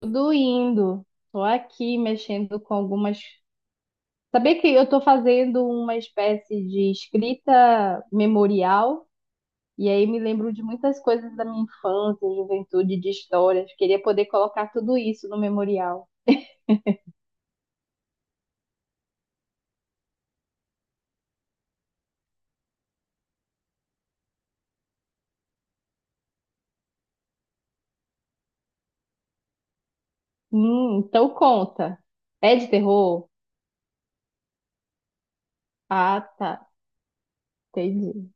Tudo indo. Tô aqui mexendo com algumas. Saber que eu tô fazendo uma espécie de escrita memorial e aí me lembro de muitas coisas da minha infância, juventude, de histórias. Queria poder colocar tudo isso no memorial. Então conta. É de terror? Ah, tá. Entendi.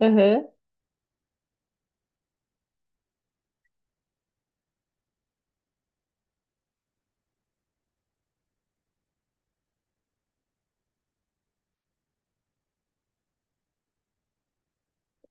Aham.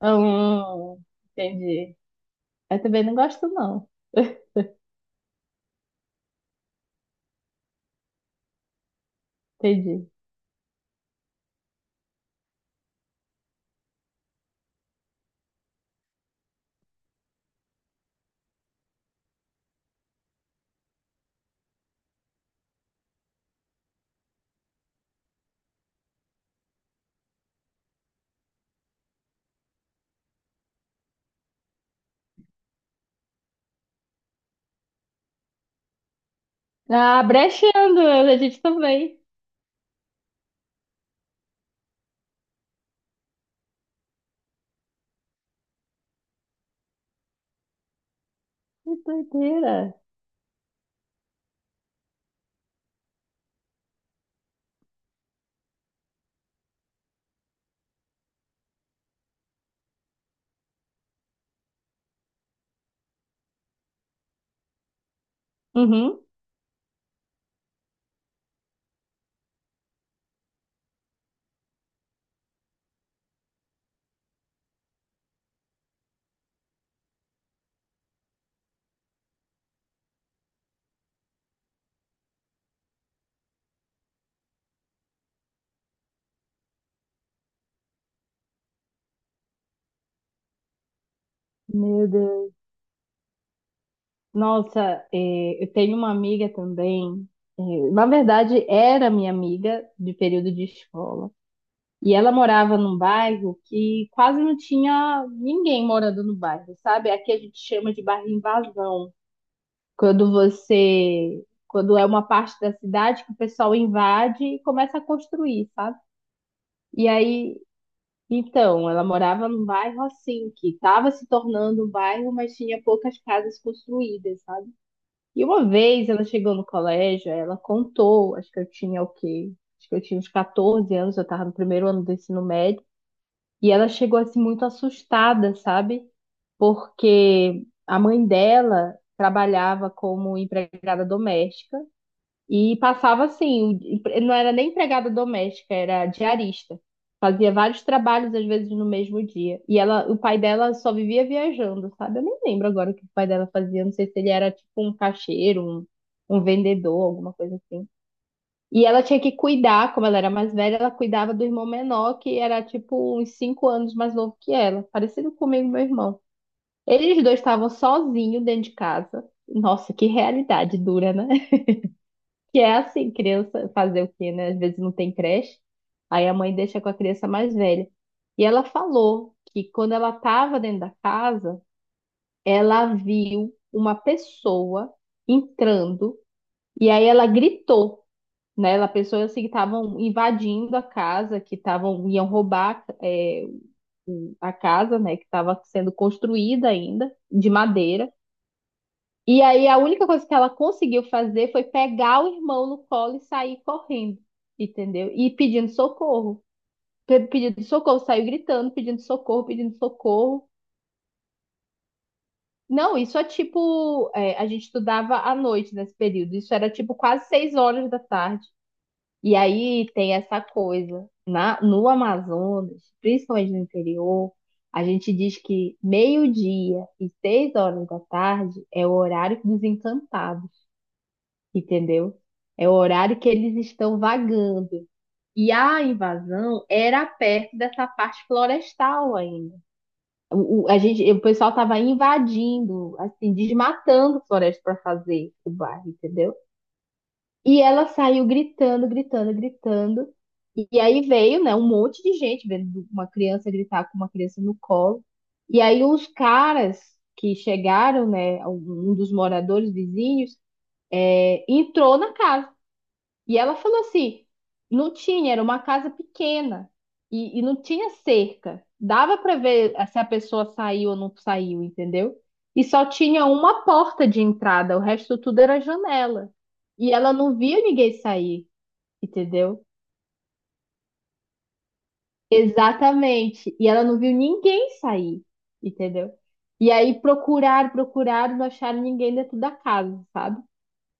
Hum, entendi. Eu também não gosto, não. Entendi. Ah, brechando, a gente também. Que doideira. Uhum. Meu Deus. Nossa, é, eu tenho uma amiga também. É, na verdade, era minha amiga de período de escola. E ela morava num bairro que quase não tinha ninguém morando no bairro, sabe? Aqui a gente chama de bairro invasão. Quando você. Quando é uma parte da cidade que o pessoal invade e começa a construir, sabe? E aí. Então, ela morava num bairro assim, que estava se tornando um bairro, mas tinha poucas casas construídas, sabe? E uma vez ela chegou no colégio, ela contou, acho que eu tinha o quê? Acho que eu tinha uns 14 anos, eu estava no primeiro ano do ensino médio, e ela chegou assim muito assustada, sabe? Porque a mãe dela trabalhava como empregada doméstica e passava assim, não era nem empregada doméstica, era diarista. Fazia vários trabalhos, às vezes, no mesmo dia. E ela, o pai dela só vivia viajando, sabe? Eu nem lembro agora o que o pai dela fazia. Não sei se ele era tipo um caixeiro, um vendedor, alguma coisa assim. E ela tinha que cuidar, como ela era mais velha, ela cuidava do irmão menor, que era tipo uns cinco anos mais novo que ela, parecido comigo, e meu irmão. Eles dois estavam sozinhos dentro de casa. Nossa, que realidade dura, né? Que é assim, criança fazer o quê, né? Às vezes não tem creche, aí a mãe deixa com a criança mais velha. E ela falou que quando ela estava dentro da casa, ela viu uma pessoa entrando e aí ela gritou, né? Ela pensou assim que estavam invadindo a casa, que estavam iam roubar é, a casa, né? Que estava sendo construída ainda de madeira. E aí a única coisa que ela conseguiu fazer foi pegar o irmão no colo e sair correndo, entendeu? E pedindo socorro. Pedindo socorro, saiu gritando, pedindo socorro, pedindo socorro. Não, isso é tipo, é, a gente estudava à noite nesse período. Isso era tipo quase seis horas da tarde. E aí tem essa coisa. Na, no Amazonas, principalmente no interior, a gente diz que meio-dia e seis horas da tarde é o horário desencantado. Entendeu? É o horário que eles estão vagando. E a invasão era perto dessa parte florestal ainda. A gente, o pessoal estava invadindo, assim, desmatando floresta para fazer o bairro, entendeu? E ela saiu gritando, gritando, gritando. E aí veio, né, um monte de gente vendo uma criança gritar com uma criança no colo. E aí os caras que chegaram, né, um dos moradores vizinhos, é, entrou na casa. E ela falou assim: não tinha, era uma casa pequena e não tinha cerca. Dava para ver eh, se a pessoa saiu ou não saiu, entendeu? E só tinha uma porta de entrada, o resto tudo era janela. E ela não viu ninguém sair, entendeu? Exatamente. E ela não viu ninguém sair, entendeu? E aí procuraram, procuraram, não acharam ninguém dentro da casa, sabe?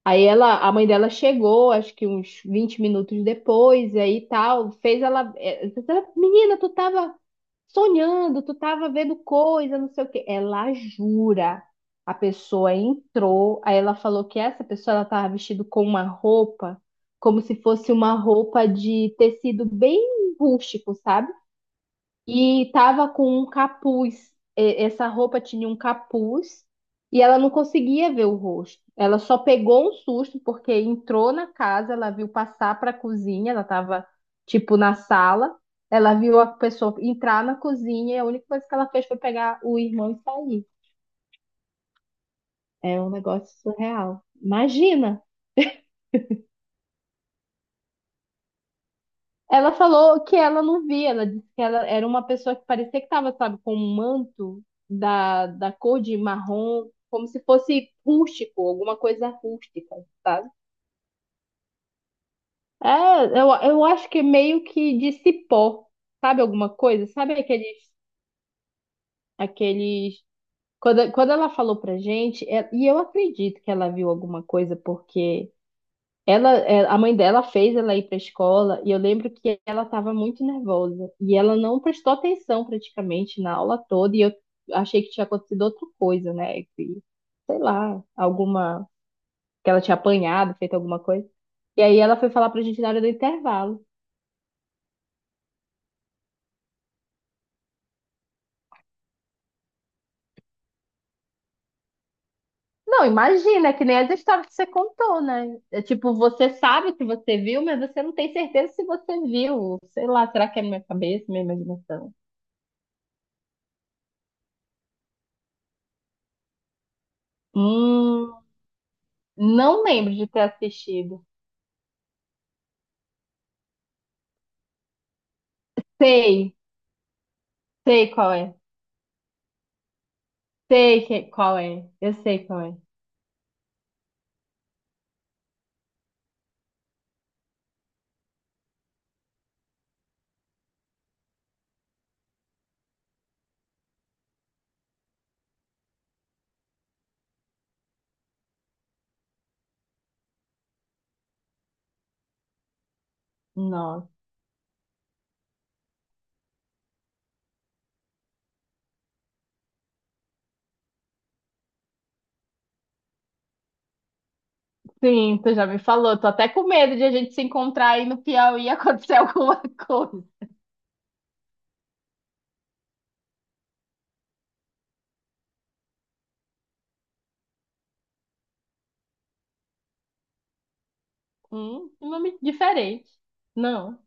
Aí ela, a mãe dela chegou, acho que uns 20 minutos depois, e aí tal, fez ela, eh, menina, tu tava sonhando, tu tava vendo coisa, não sei o quê. Ela jura. A pessoa entrou, aí ela falou que essa pessoa ela tava vestida com uma roupa, como se fosse uma roupa de tecido bem rústico, sabe? E tava com um capuz. Essa roupa tinha um capuz e ela não conseguia ver o rosto. Ela só pegou um susto porque entrou na casa, ela viu passar para a cozinha, ela tava tipo na sala. Ela viu a pessoa entrar na cozinha e a única coisa que ela fez foi pegar o irmão e sair. É um negócio surreal. Imagina! Ela falou que ela não via, ela disse que ela era uma pessoa que parecia que estava, sabe, com um manto da, da cor de marrom, como se fosse rústico, alguma coisa rústica, sabe? É, eu acho que é meio que de cipó, sabe alguma coisa? Sabe aqueles, aqueles... Quando, quando ela falou pra gente, é- e eu acredito que ela viu alguma coisa, porque ela, é, a mãe dela fez ela ir para a escola e eu lembro que ela estava muito nervosa e ela não prestou atenção praticamente na aula toda e eu achei que tinha acontecido outra coisa, né? Que, sei lá, alguma que ela tinha apanhado, feito alguma coisa. E aí ela foi falar pra gente na hora do intervalo. Não, imagina, é que nem as histórias que você contou, né? É tipo, você sabe o que você viu, mas você não tem certeza se você viu. Sei lá, será que é minha cabeça, minha imaginação? Hum, não lembro de ter assistido. Sei, sei qual é. Sei que, qual é. Eu sei qual é. Nossa. Sim, tu já me falou. Tô até com medo de a gente se encontrar aí no Piauí e acontecer alguma coisa. Que nome diferente. Não.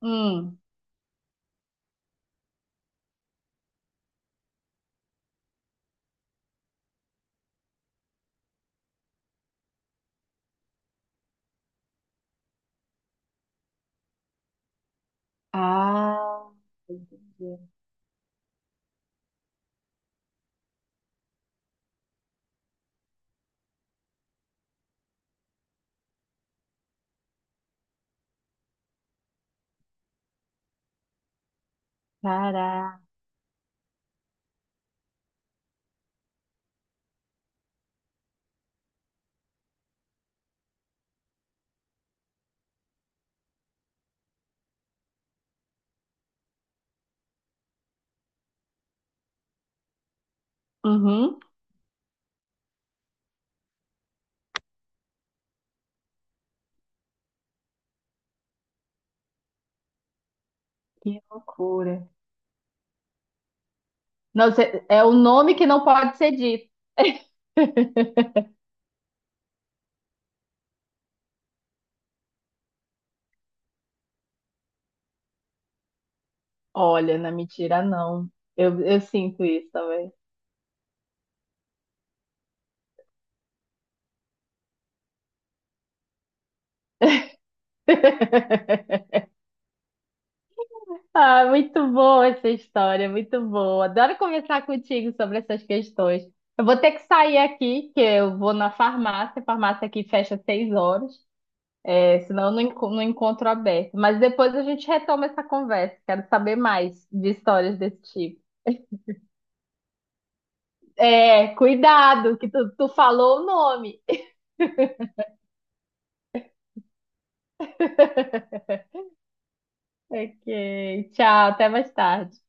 Hum. Ah, entendi. Caraca. Uhum. Que loucura. Não, cê- é o nome que não pode ser dito. Olha, na mentira, não. Eu sinto isso também. Ah, muito boa essa história, muito boa. Adoro conversar contigo sobre essas questões. Eu vou ter que sair aqui, que eu vou na farmácia. A farmácia aqui fecha às seis horas, é, senão eu não, não encontro aberto. Mas depois a gente retoma essa conversa. Quero saber mais de histórias desse tipo. É, cuidado, que tu falou o nome. Ok, tchau, até mais tarde.